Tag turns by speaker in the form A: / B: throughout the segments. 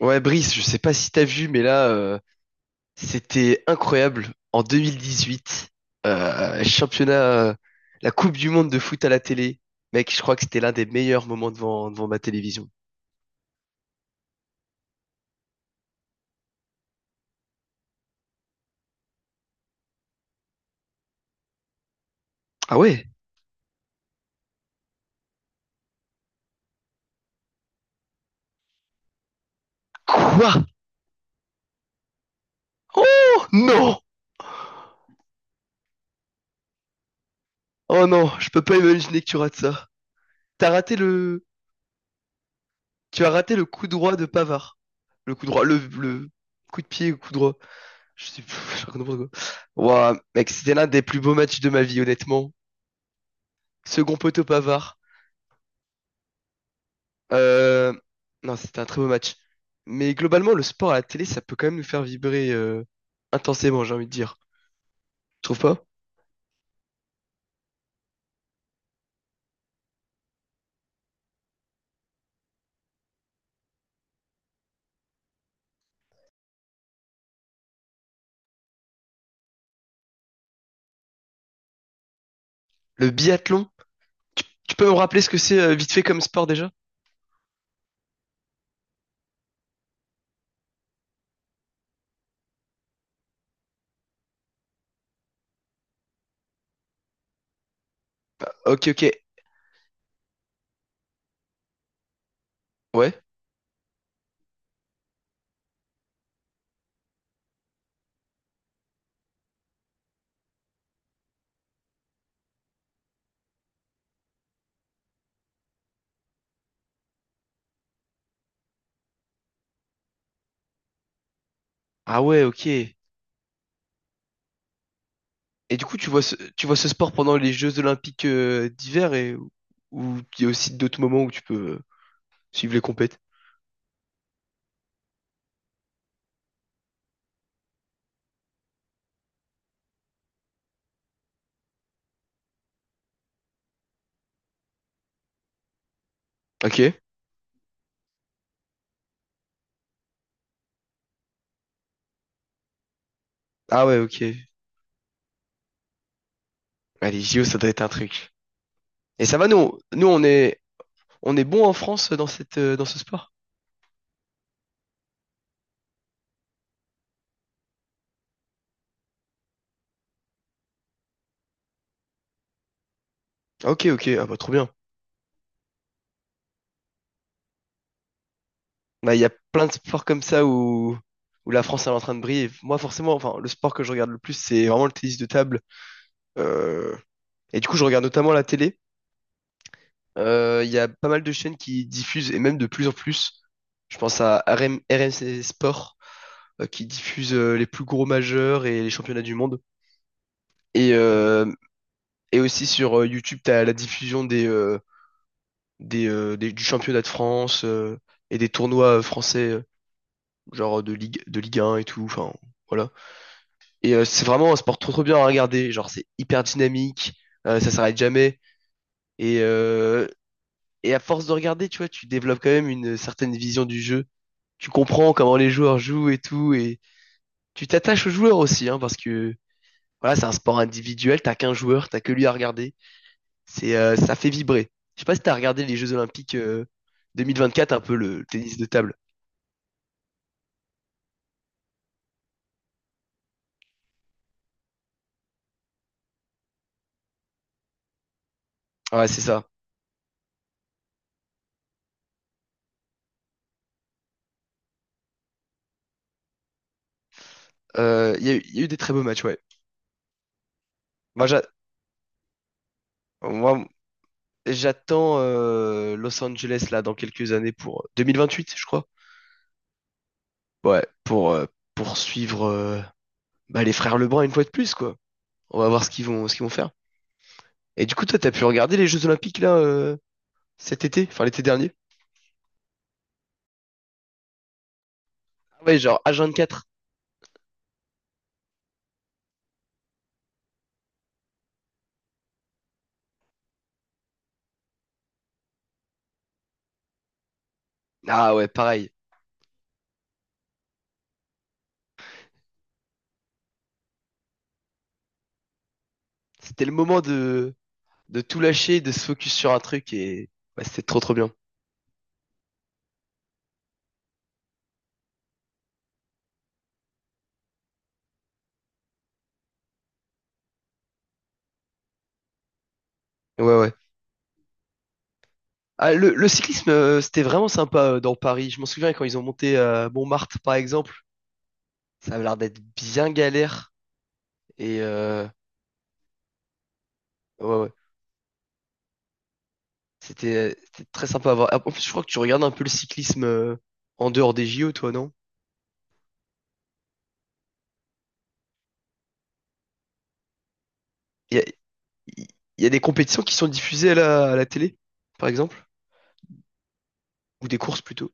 A: Ouais, Brice, je sais pas si t'as vu, mais là, c'était incroyable. En 2018, championnat, euh, la Coupe du Monde de foot à la télé. Mec, je crois que c'était l'un des meilleurs moments devant ma télévision. Ah ouais? Quoi? Oh non! Oh non, je peux pas imaginer que tu rates ça. T'as raté le, tu as raté le coup droit de Pavard. Le coup droit, le coup de pied, le coup droit. Je sais plus, je raconte n'importe quoi. Ouah, mec, c'était l'un des plus beaux matchs de ma vie, honnêtement. Second poteau Pavard. Euh, non, c'était un très beau match. Mais globalement, le sport à la télé, ça peut quand même nous faire vibrer intensément, j'ai envie de dire. Tu trouves pas? Le biathlon, tu peux me rappeler ce que c'est vite fait comme sport déjà? Ok, ok. Ouais. Ah ouais, ok. Et du coup, tu vois ce sport pendant les Jeux Olympiques d'hiver et où il y a aussi d'autres moments où tu peux suivre les compètes. Ok. Ah ouais, ok. Allez, les JO, ça doit être un truc. Et ça va, on est bon en France dans ce sport? Ok, ok. Ah bah trop bien. Bah, il y a plein de sports comme ça où la France elle est en train de briller. Moi, forcément, enfin, le sport que je regarde le plus, c'est vraiment le tennis de table. Euh, et du coup, je regarde notamment la télé. Il y a pas mal de chaînes qui diffusent, et même de plus en plus. Je pense à RM RMC Sport, qui diffuse les plus gros majeurs et les championnats du monde. Et, euh, et aussi sur YouTube, tu as la diffusion du championnat de France et des tournois français, genre de Ligue 1 et tout. Enfin, voilà. Et c'est vraiment un sport trop trop bien à regarder. Genre, c'est hyper dynamique, ça s'arrête jamais. Et, euh, et à force de regarder, tu vois, tu développes quand même une certaine vision du jeu. Tu comprends comment les joueurs jouent et tout. Et tu t'attaches aux joueurs aussi, hein, parce que voilà, c'est un sport individuel. T'as qu'un joueur, t'as que lui à regarder. Ça fait vibrer. Je sais pas si t'as regardé les Jeux Olympiques 2024, un peu le tennis de table. Ouais, c'est ça. Il y, a eu il y a eu des très beaux matchs, ouais. Moi, j'a- moi, j'attends Los Angeles là dans quelques années pour 2028, je crois. Ouais, pour poursuivre bah, les frères Lebrun une fois de plus quoi. On va voir ce qu'ils vont faire. Et du coup, toi, t'as pu regarder les Jeux Olympiques là cet été, enfin l'été dernier? Ah ouais, genre H24. Ah ouais, pareil. C'était le moment de tout lâcher, de se focus sur un truc et ouais, c'était trop trop bien. Ouais ouais. Ah, le cyclisme, c'était vraiment sympa dans Paris. Je m'en souviens quand ils ont monté à Montmartre par exemple. Ça avait l'air d'être bien galère. Et ouais, ouais. C'était très sympa à voir. En plus, je crois que tu regardes un peu le cyclisme en dehors des JO, toi, non? Il y a, il y a des compétitions qui sont diffusées à la télé, par exemple, ou des courses plutôt.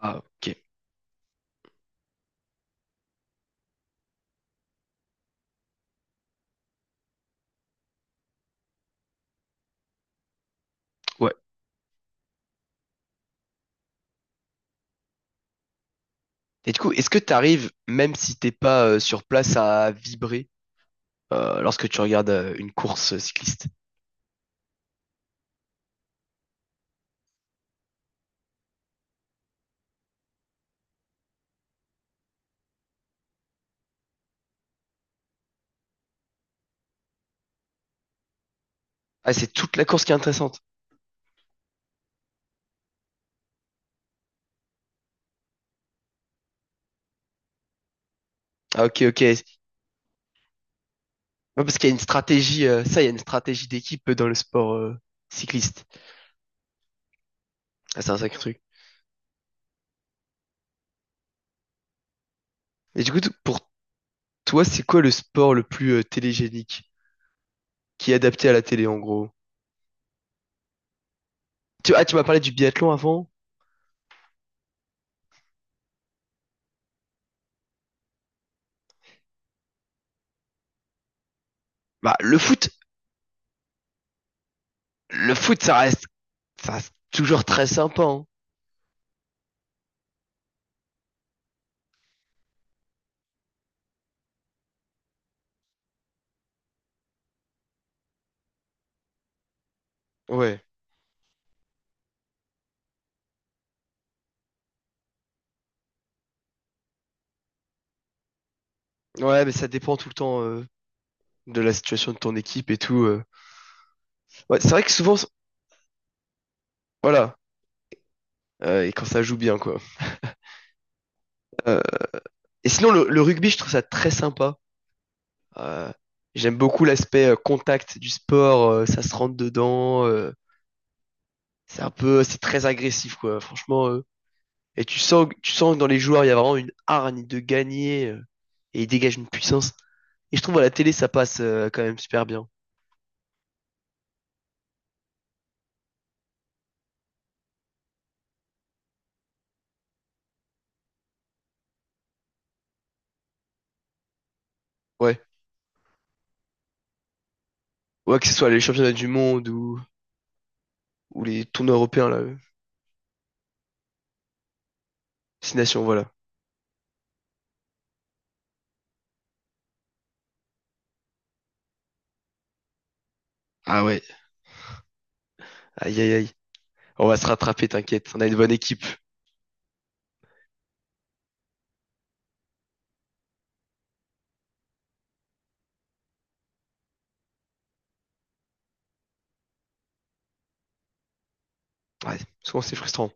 A: Ah, ok. Ouais. Et du coup, est-ce que tu arrives, même si t'es pas sur place, à vibrer lorsque tu regardes une course cycliste? Ah, c'est toute la course qui est intéressante. Ah, ok, ok. Ouais, parce qu'il y a il y a une stratégie d'équipe dans le sport cycliste. Ah, c'est un sacré truc. Et du coup, pour toi, c'est quoi le sport le plus télégénique qui est adapté à la télé en gros? Tu m'as parlé du biathlon avant? Bah, le foot, ça reste toujours très sympa, hein. Ouais. Ouais, mais ça dépend tout le temps de la situation de ton équipe et tout. Ouais, c'est vrai que souvent, voilà, et quand ça joue bien quoi. Euh, et sinon, le rugby, je trouve ça très sympa. Euh, j'aime beaucoup l'aspect contact du sport, ça se rentre dedans. C'est très agressif quoi. Franchement, et tu sens, tu sens que dans les joueurs, il y a vraiment une hargne de gagner et ils dégagent une puissance. Et je trouve à la télé, ça passe quand même super bien. Ouais. Ouais, que ce soit les championnats du monde ou les tournois européens, là. Six nations, voilà. Ah ouais. Aïe, aïe, aïe. On va se rattraper, t'inquiète. On a une bonne équipe. Ouais, souvent c'est frustrant.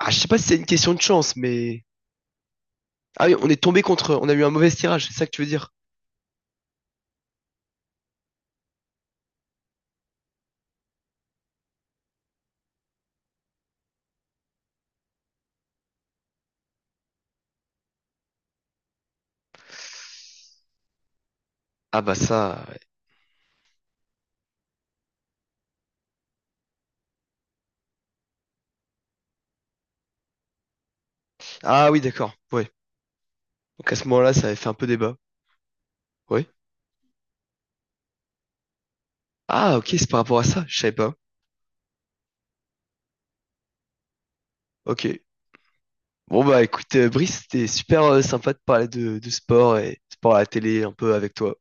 A: Ah, je sais pas si c'est une question de chance, mais. Ah oui, on est tombé contre. On a eu un mauvais tirage, c'est ça que tu veux dire? Ah bah ça. Ah oui, d'accord. Ouais. Donc à ce moment-là, ça avait fait un peu débat. Oui. Ah ok, c'est par rapport à ça. Je savais pas. Ok. Bon bah écoute, Brice, c'était super sympa de parler de sport et sport à la télé un peu avec toi.